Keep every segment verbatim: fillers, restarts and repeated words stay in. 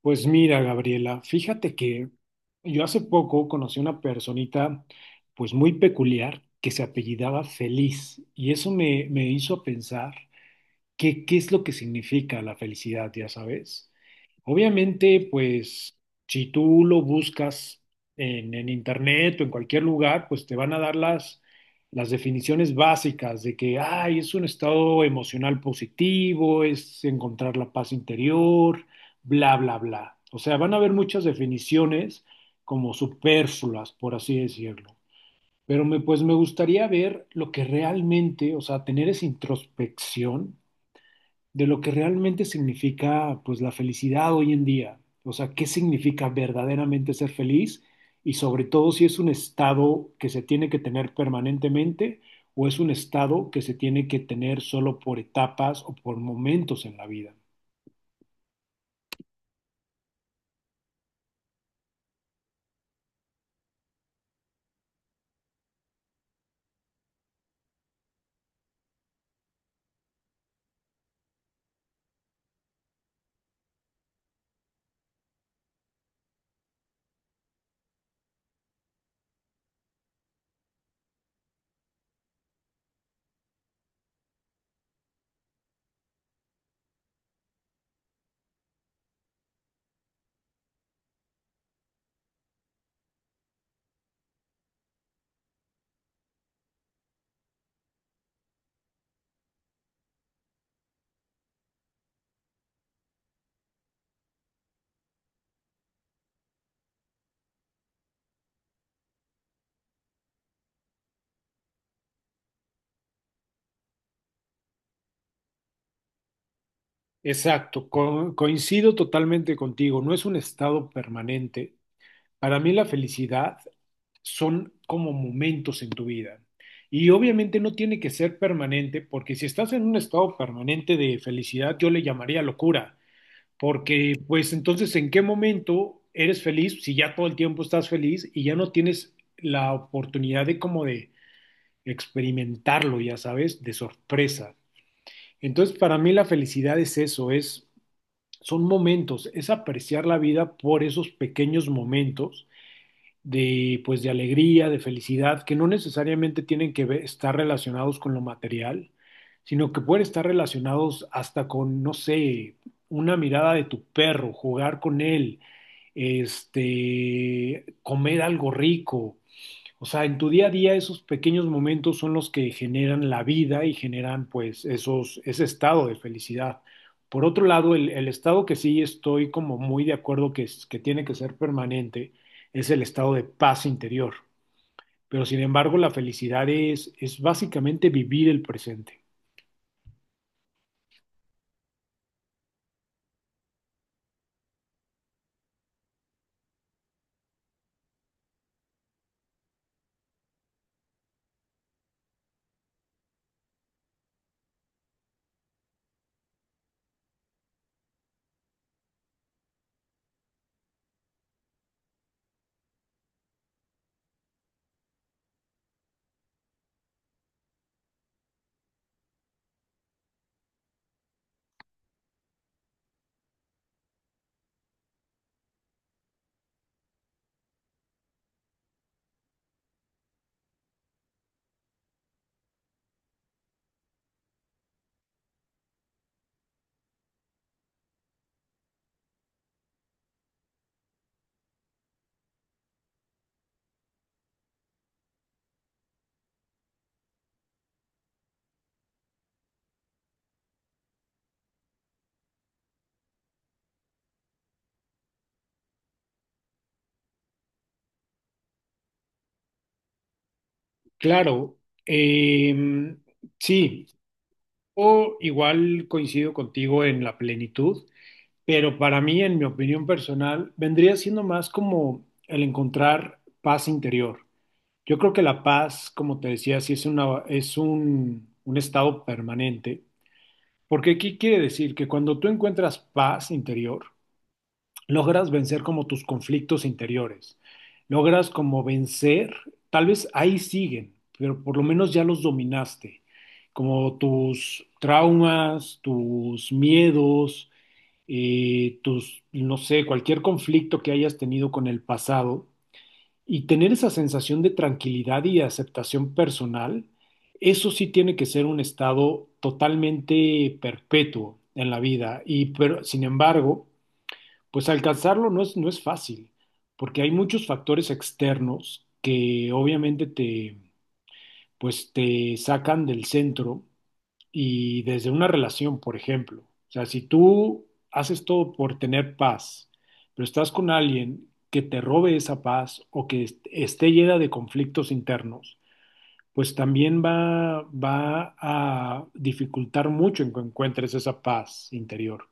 Pues mira, Gabriela, fíjate que yo hace poco conocí una personita pues muy peculiar que se apellidaba Feliz y eso me, me hizo pensar qué, qué es lo que significa la felicidad, ya sabes. Obviamente, pues si tú lo buscas en, en internet o en cualquier lugar, pues te van a dar las, las definiciones básicas de que, ay, es un estado emocional positivo, es encontrar la paz interior, bla, bla, bla. O sea, van a haber muchas definiciones como superfluas, por así decirlo. Pero me, pues me gustaría ver lo que realmente, o sea, tener esa introspección de lo que realmente significa pues la felicidad hoy en día. O sea, qué significa verdaderamente ser feliz y sobre todo si es un estado que se tiene que tener permanentemente o es un estado que se tiene que tener solo por etapas o por momentos en la vida. Exacto, co- coincido totalmente contigo, no es un estado permanente. Para mí la felicidad son como momentos en tu vida. Y obviamente no tiene que ser permanente, porque si estás en un estado permanente de felicidad, yo le llamaría locura, porque pues entonces ¿en qué momento eres feliz si ya todo el tiempo estás feliz y ya no tienes la oportunidad de como de experimentarlo, ya sabes, de sorpresa? Entonces para mí la felicidad es eso, es son momentos, es apreciar la vida por esos pequeños momentos de, pues, de alegría, de felicidad, que no necesariamente tienen que ver- estar relacionados con lo material, sino que pueden estar relacionados hasta con, no sé, una mirada de tu perro, jugar con él, este, comer algo rico, o sea, en tu día a día esos pequeños momentos son los que generan la vida y generan pues esos, ese estado de felicidad. Por otro lado, el, el estado que sí estoy como muy de acuerdo que, es- que tiene que ser permanente es el estado de paz interior. Pero sin embargo, la felicidad es, es básicamente vivir el presente. Claro, eh, sí, o igual coincido contigo en la plenitud. Pero para mí, en mi opinión personal, vendría siendo más como el encontrar paz interior. Yo creo que la paz, como te decía, sí es una, es un, un estado permanente, porque ¿qué quiere decir? Que cuando tú encuentras paz interior, logras vencer como tus conflictos interiores, logras como vencer, tal vez ahí siguen, pero por lo menos ya los dominaste, como tus traumas, tus miedos, eh, tus, no sé, cualquier conflicto que hayas tenido con el pasado y tener esa sensación de tranquilidad y aceptación personal, eso sí tiene que ser un estado totalmente perpetuo en la vida. Y pero, sin embargo, pues alcanzarlo no es, no es fácil, porque hay muchos factores externos que obviamente te, pues te sacan del centro y desde una relación, por ejemplo. O sea, si tú haces todo por tener paz, pero estás con alguien que te robe esa paz o que est- esté llena de conflictos internos, pues también va, va a dificultar mucho en que encuentres esa paz interior.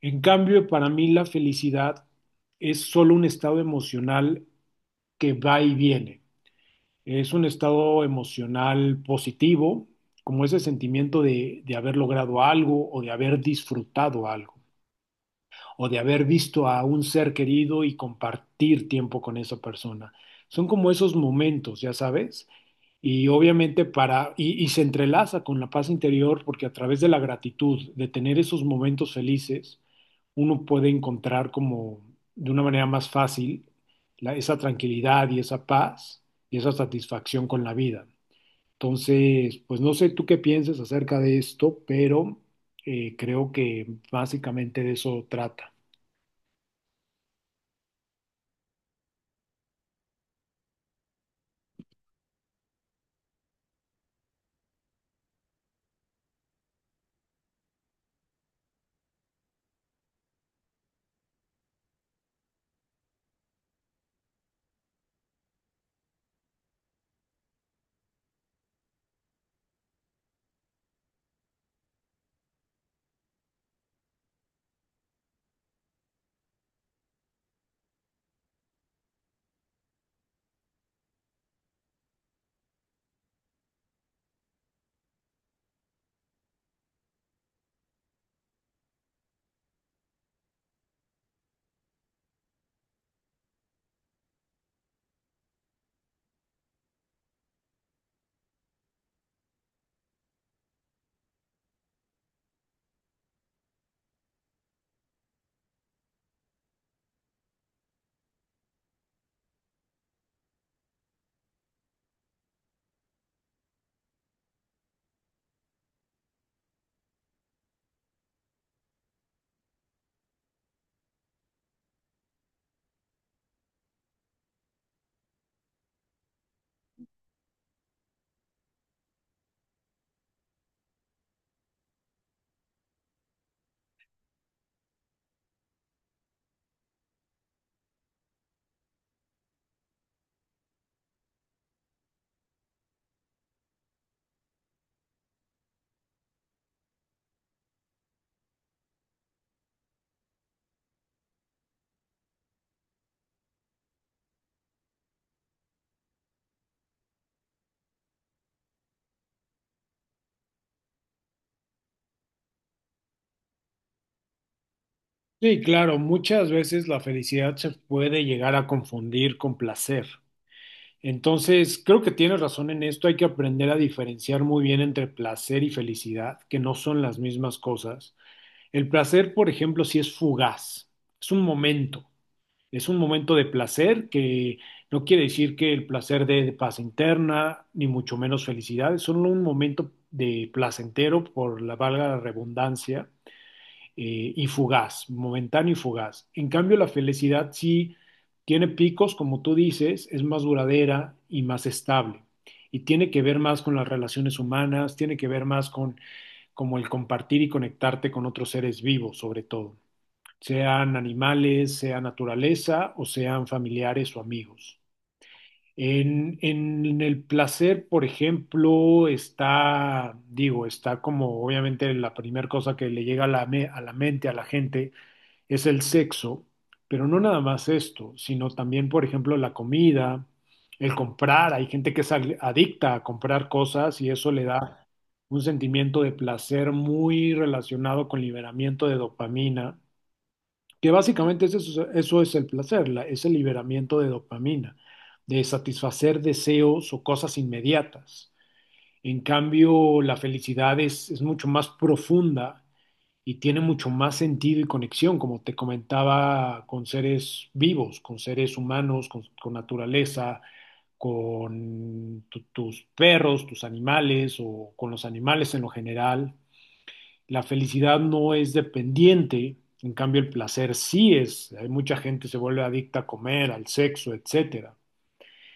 En cambio, para mí la felicidad es solo un estado emocional que va y viene. Es un estado emocional positivo, como ese sentimiento de, de haber logrado algo o de haber disfrutado algo o de haber visto a un ser querido y compartir tiempo con esa persona. Son como esos momentos, ya sabes, y obviamente para, y, y se entrelaza con la paz interior porque a través de la gratitud, de tener esos momentos felices, uno puede encontrar como de una manera más fácil la- esa tranquilidad y esa paz y esa satisfacción con la vida. Entonces, pues no sé tú qué pienses acerca de esto, pero eh, creo que básicamente de eso trata. Sí, claro, muchas veces la felicidad se puede llegar a confundir con placer. Entonces, creo que tienes razón en esto, hay que aprender a diferenciar muy bien entre placer y felicidad, que no son las mismas cosas. El placer, por ejemplo, sí es fugaz, es un momento, es un momento de placer que no quiere decir que el placer dé paz interna, ni mucho menos felicidad, es solo un momento de placentero, por la valga la redundancia eh, y fugaz, momentáneo y fugaz. En cambio, la felicidad sí tiene picos, como tú dices, es más duradera y más estable. Y tiene que ver más con las relaciones humanas, tiene que ver más con como el compartir y conectarte con otros seres vivos, sobre todo, sean animales, sea naturaleza o sean familiares o amigos. En, en el placer, por ejemplo, está, digo, está como obviamente la primera cosa que le llega a la, me- a la mente a la gente es el sexo, pero no nada más esto, sino también, por ejemplo, la comida, el comprar. Hay gente que es ag- adicta a comprar cosas y eso le da un sentimiento de placer muy relacionado con liberamiento de dopamina, que básicamente es eso, eso es el placer, la- es el liberamiento de dopamina, de satisfacer deseos o cosas inmediatas. En cambio, la felicidad es, es mucho más profunda y tiene mucho más sentido y conexión, como te comentaba, con seres vivos, con seres humanos, con, con naturaleza, con tu- tus perros, tus animales o con los animales en lo general. La felicidad no es dependiente, en cambio el placer sí es. Hay mucha gente se vuelve adicta a comer, al sexo, etcétera.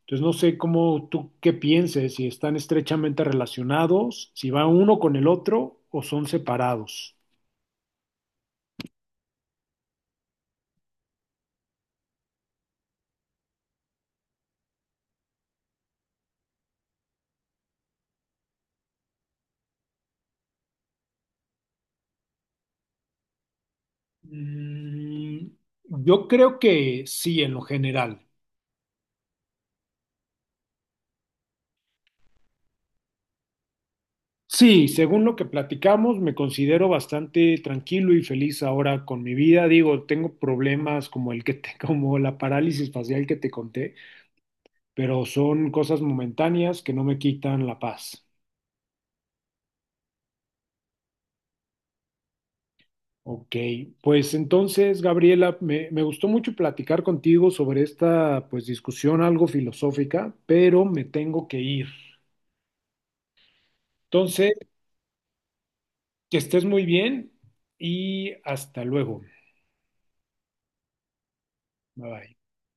Entonces no sé cómo tú qué pienses, si están estrechamente relacionados, si va uno con el otro o son separados. Mm, yo creo que sí, en lo general. Sí, según lo que platicamos, me considero bastante tranquilo y feliz ahora con mi vida. Digo, tengo problemas como el que te- como la parálisis facial que te conté, pero son cosas momentáneas que no me quitan la paz. Ok, pues entonces, Gabriela, me, me gustó mucho platicar contigo sobre esta pues discusión algo filosófica, pero me tengo que ir. Entonces, que estés muy bien y hasta luego. Bye bye.